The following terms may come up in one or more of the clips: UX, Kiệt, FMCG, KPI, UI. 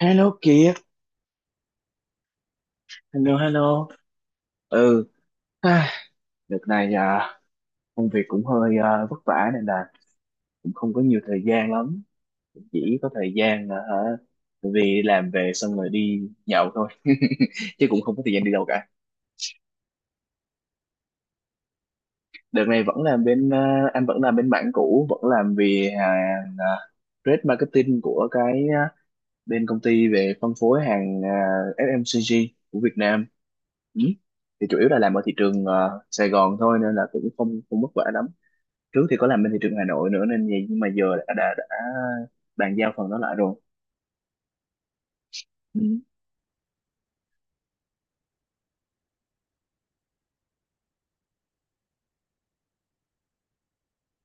Hello Kiệt, hello hello. Ừ, à, đợt này công việc cũng hơi vất vả nên là cũng không có nhiều thời gian lắm. Chỉ có thời gian là hả, vì làm về xong rồi đi nhậu thôi, chứ cũng không có thời gian đi đâu cả. Đợt này vẫn làm bên, anh vẫn làm bên mảng cũ, vẫn làm về hàng trade marketing của cái bên công ty về phân phối hàng FMCG của Việt Nam. Ừ. Thì chủ yếu là làm ở thị trường Sài Gòn thôi nên là cũng không không vất vả lắm. Trước thì có làm bên thị trường Hà Nội nữa nên vậy, nhưng mà giờ đã bàn giao phần đó lại rồi. Ừ.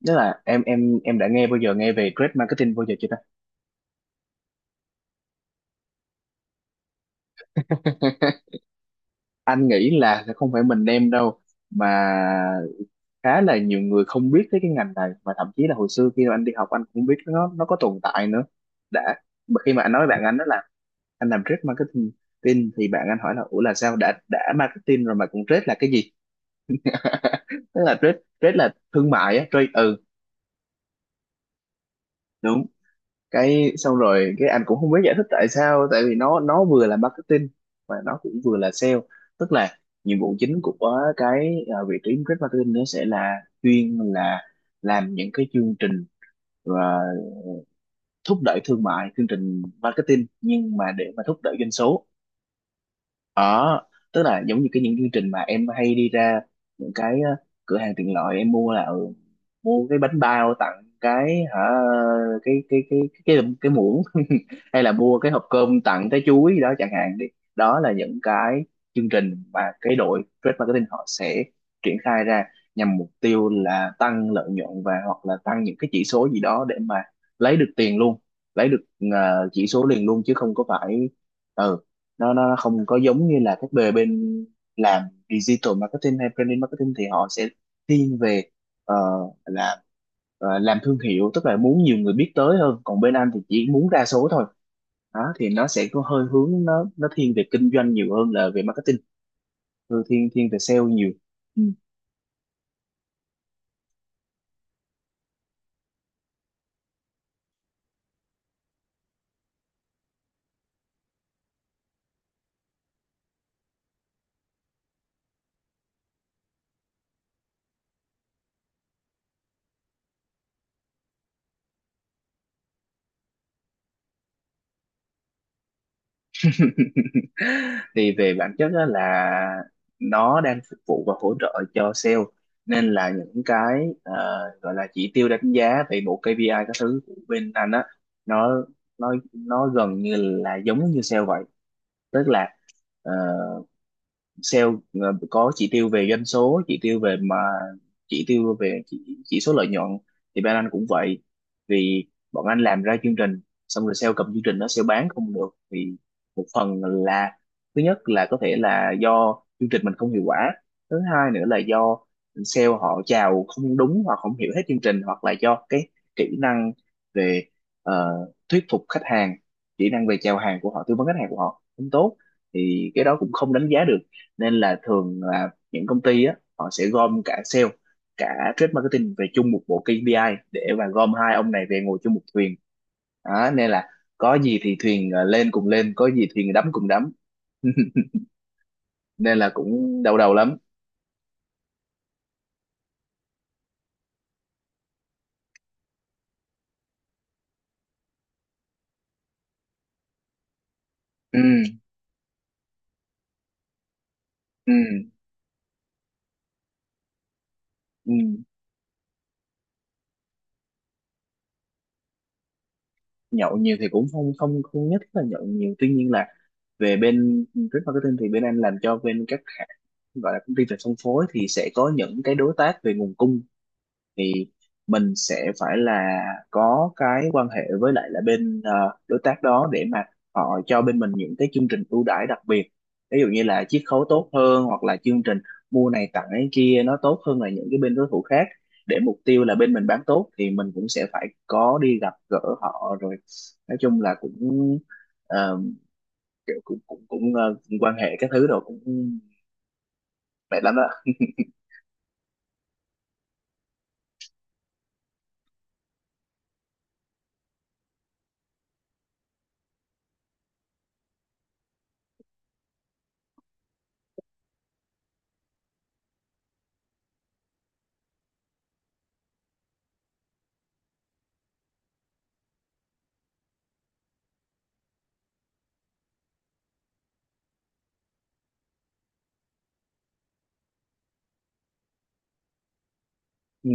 Tức là em đã nghe bao giờ nghe về trade marketing bao giờ chưa ta? Anh nghĩ là sẽ không phải mình đem đâu, mà khá là nhiều người không biết tới cái ngành này, và thậm chí là hồi xưa khi mà anh đi học anh cũng biết nó có tồn tại nữa. đã mà khi mà anh nói với bạn anh đó là anh làm trade marketing tin, thì bạn anh hỏi là ủa là sao đã marketing rồi mà cũng trade là cái gì? Tức là trade trade là thương mại á, trade. Ừ, đúng. Cái xong rồi cái anh cũng không biết giải thích tại sao, tại vì nó vừa là marketing và nó cũng vừa là sale. Tức là nhiệm vụ chính của cái vị trí trade marketing nó sẽ là chuyên là làm những cái chương trình và thúc đẩy thương mại, chương trình marketing nhưng mà để mà thúc đẩy doanh số. Đó, tức là giống như cái những chương trình mà em hay đi ra những cái cửa hàng tiện lợi em mua là mua cái bánh bao tặng cái hả cái cái cái cái muỗng. Hay là mua cái hộp cơm tặng trái chuối đó chẳng hạn đi. Đó là những cái chương trình mà cái đội trade marketing họ sẽ triển khai ra nhằm mục tiêu là tăng lợi nhuận và hoặc là tăng những cái chỉ số gì đó để mà lấy được tiền luôn, lấy được chỉ số liền luôn chứ không có phải. Ừ, nó không có giống như là các bề bên làm digital marketing hay branding marketing thì họ sẽ thiên về ờ, làm làm thương hiệu, tức là muốn nhiều người biết tới hơn, còn bên anh thì chỉ muốn ra số thôi. Đó thì nó sẽ có hơi hướng nó thiên về kinh doanh nhiều hơn là về marketing. Ừ, thiên thiên về sale nhiều. Thì về bản chất á là nó đang phục vụ và hỗ trợ cho sale, nên là những cái gọi là chỉ tiêu đánh giá về bộ KPI các thứ của bên anh á, nó nó gần như là giống như sale vậy. Tức là ờ, sale có chỉ tiêu về doanh số, chỉ tiêu về mà chỉ tiêu về chỉ số lợi nhuận, thì bên anh cũng vậy. Vì bọn anh làm ra chương trình xong rồi sale cầm chương trình nó sale bán không được thì một phần là thứ nhất là có thể là do chương trình mình không hiệu quả, thứ hai nữa là do sale họ chào không đúng hoặc không hiểu hết chương trình, hoặc là do cái kỹ năng về ờ, thuyết phục khách hàng, kỹ năng về chào hàng của họ, tư vấn khách hàng của họ không tốt thì cái đó cũng không đánh giá được. Nên là thường là những công ty á họ sẽ gom cả sale cả trade marketing về chung một bộ KPI để mà gom hai ông này về ngồi chung một thuyền. Đó, nên là có gì thì thuyền lên cùng lên, có gì thuyền đắm cùng đắm. Nên là cũng đau đầu lắm. Ừ, ừ, ừ. Nhậu nhiều thì cũng không không không nhất là nhậu nhiều, tuy nhiên là về bên trade marketing thì bên anh làm cho bên các hãng gọi là công ty về phân phối thì sẽ có những cái đối tác về nguồn cung, thì mình sẽ phải là có cái quan hệ với lại là bên đối tác đó để mà họ cho bên mình những cái chương trình ưu đãi đặc biệt, ví dụ như là chiết khấu tốt hơn hoặc là chương trình mua này tặng cái kia nó tốt hơn là những cái bên đối thủ khác, để mục tiêu là bên mình bán tốt thì mình cũng sẽ phải có đi gặp gỡ họ rồi. Nói chung là cũng ờ, kiểu cũng cũng cũng ờ, quan hệ các thứ rồi cũng mệt lắm đó. Ừ.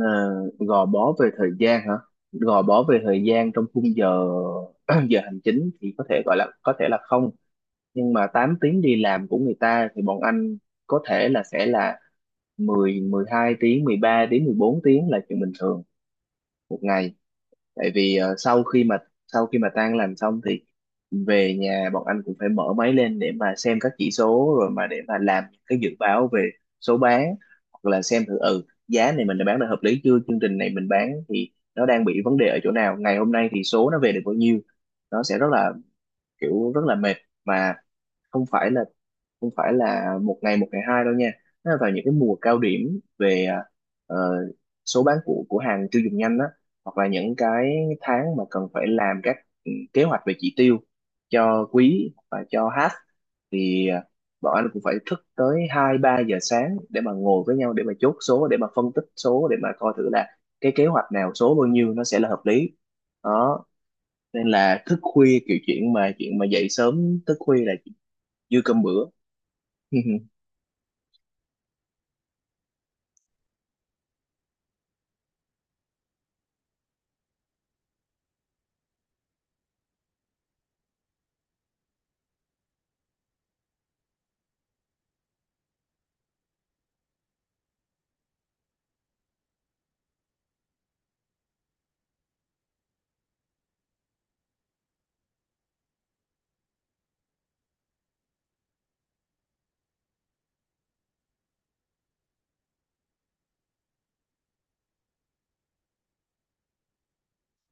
Ờ, gò bó về thời gian hả, gò bó về thời gian trong khung giờ giờ hành chính thì có thể gọi là có thể là không, nhưng mà 8 tiếng đi làm của người ta thì bọn anh có thể là sẽ là mười mười hai tiếng 13 đến bốn tiếng là chuyện bình thường một ngày. Tại vì sau khi mà tan làm xong thì về nhà bọn anh cũng phải mở máy lên để mà xem các chỉ số, rồi mà để mà làm những cái dự báo về số bán, hoặc là xem thử ừ giá này mình đã bán được hợp lý chưa, chương trình này mình bán thì nó đang bị vấn đề ở chỗ nào, ngày hôm nay thì số nó về được bao nhiêu. Nó sẽ rất là kiểu rất là mệt. Mà không phải là không phải là một ngày hai đâu nha, nó là vào những cái mùa cao điểm về ờ, số bán của hàng tiêu dùng nhanh á, hoặc là những cái tháng mà cần phải làm các kế hoạch về chỉ tiêu cho quý và cho half, thì bọn anh cũng phải thức tới hai ba giờ sáng để mà ngồi với nhau để mà chốt số, để mà phân tích số, để mà coi thử là cái kế hoạch nào số bao nhiêu nó sẽ là hợp lý. Đó, nên là thức khuya kiểu chuyện mà dậy sớm thức khuya là dư cơm bữa.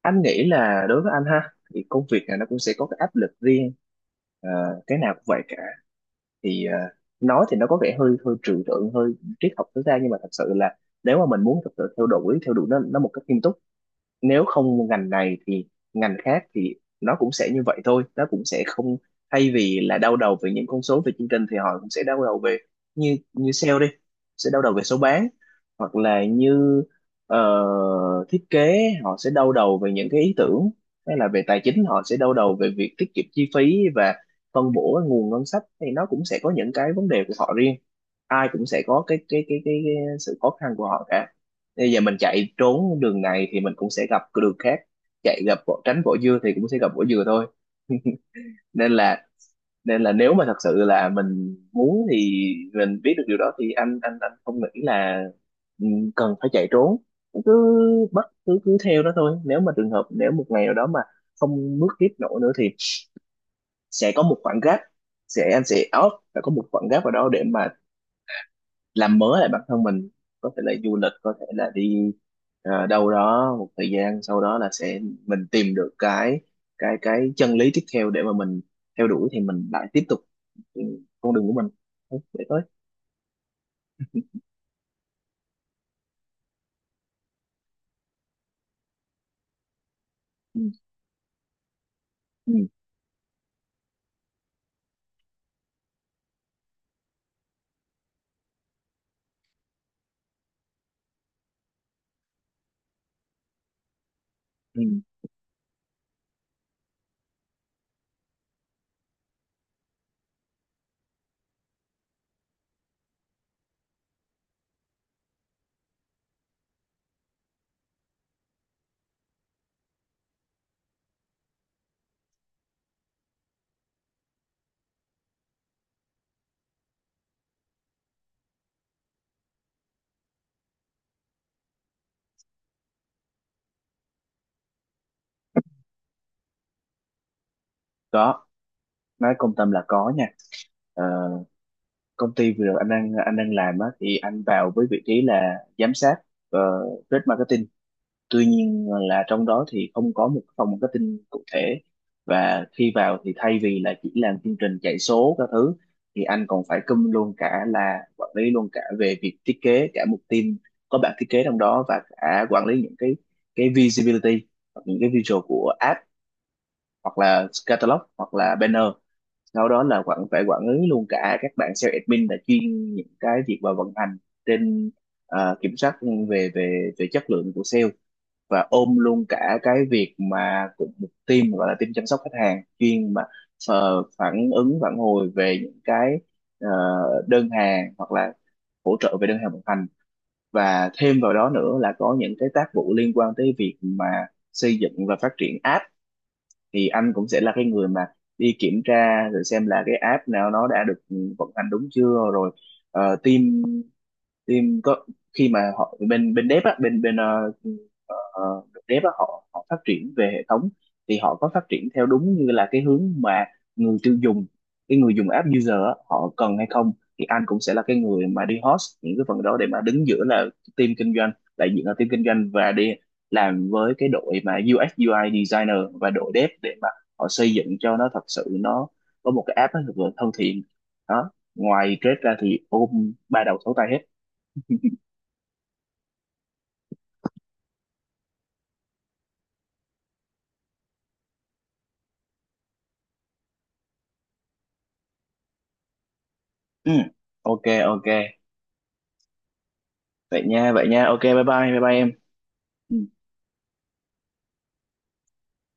Anh nghĩ là đối với anh ha thì công việc này nó cũng sẽ có cái áp lực riêng. Ờ, cái nào cũng vậy cả. Thì nói thì nó có vẻ hơi hơi trừu tượng hơi triết học tối đa, nhưng mà thật sự là nếu mà mình muốn thật sự theo đuổi nó một cách nghiêm túc, nếu không ngành này thì ngành khác thì nó cũng sẽ như vậy thôi, nó cũng sẽ không thay vì là đau đầu về những con số về chương trình thì họ cũng sẽ đau đầu về như như sale đi sẽ đau đầu về số bán, hoặc là như ờ, thiết kế họ sẽ đau đầu về những cái ý tưởng, hay là về tài chính họ sẽ đau đầu về việc tiết kiệm chi phí và phân bổ cái nguồn ngân sách, thì nó cũng sẽ có những cái vấn đề của họ riêng. Ai cũng sẽ có cái sự khó khăn của họ cả. Bây giờ mình chạy trốn đường này thì mình cũng sẽ gặp cái đường khác, chạy gặp vỏ, tránh vỏ dưa thì cũng sẽ gặp vỏ dừa thôi. nên là Nên là nếu mà thật sự là mình muốn thì mình biết được điều đó thì anh không nghĩ là ừ, cần phải chạy trốn, cứ cứ cứ theo nó thôi. Nếu một ngày nào đó mà không bước tiếp nổi nữa thì sẽ có một khoảng gap, anh sẽ off và có một khoảng gap ở đó để mà làm mới lại bản thân mình, có thể là du lịch, có thể là đi đâu đó một thời gian, sau đó là sẽ mình tìm được cái chân lý tiếp theo để mà mình theo đuổi thì mình lại tiếp tục ừ, con đường của mình để tới. Ừ. Ừ. Ừ. Có, nói công tâm là có nha. Ờ, công ty vừa rồi anh đang làm á, thì anh vào với vị trí là giám sát trade marketing, tuy nhiên là trong đó thì không có một phòng marketing cụ thể, và khi vào thì thay vì là chỉ làm chương trình chạy số các thứ thì anh còn phải cùm luôn cả là quản lý luôn cả về việc thiết kế cả một team có bạn thiết kế trong đó, và cả quản lý những cái visibility hoặc những cái visual của app, hoặc là catalog hoặc là banner. Sau đó là phải quản lý luôn cả các bạn sales admin là chuyên những cái việc và vận hành trên kiểm soát về về về chất lượng của sale, và ôm luôn cả cái việc mà cũng một team gọi là team chăm sóc khách hàng chuyên mà phản ứng phản hồi về những cái ờ, đơn hàng hoặc là hỗ trợ về đơn hàng vận hành. Và thêm vào đó nữa là có những cái tác vụ liên quan tới việc mà xây dựng và phát triển app, thì anh cũng sẽ là cái người mà đi kiểm tra rồi xem là cái app nào nó đã được vận hành đúng chưa. Rồi team team có khi mà họ bên bên dev á bên bên ờ, dev á, họ họ phát triển về hệ thống thì họ có phát triển theo đúng như là cái hướng mà người tiêu dùng cái người dùng app user á, họ cần hay không, thì anh cũng sẽ là cái người mà đi host những cái phần đó để mà đứng giữa là team kinh doanh đại diện là team kinh doanh, và đi làm với cái đội mà UX UI designer và đội dev để mà họ xây dựng cho nó thật sự nó có một cái app nó thật sự thân thiện. Đó, ngoài trade ra thì ôm ba đầu sáu tay hết. Ừ. OK, OK. Vậy nha, vậy nha, OK, bye bye bye bye em. Ừ.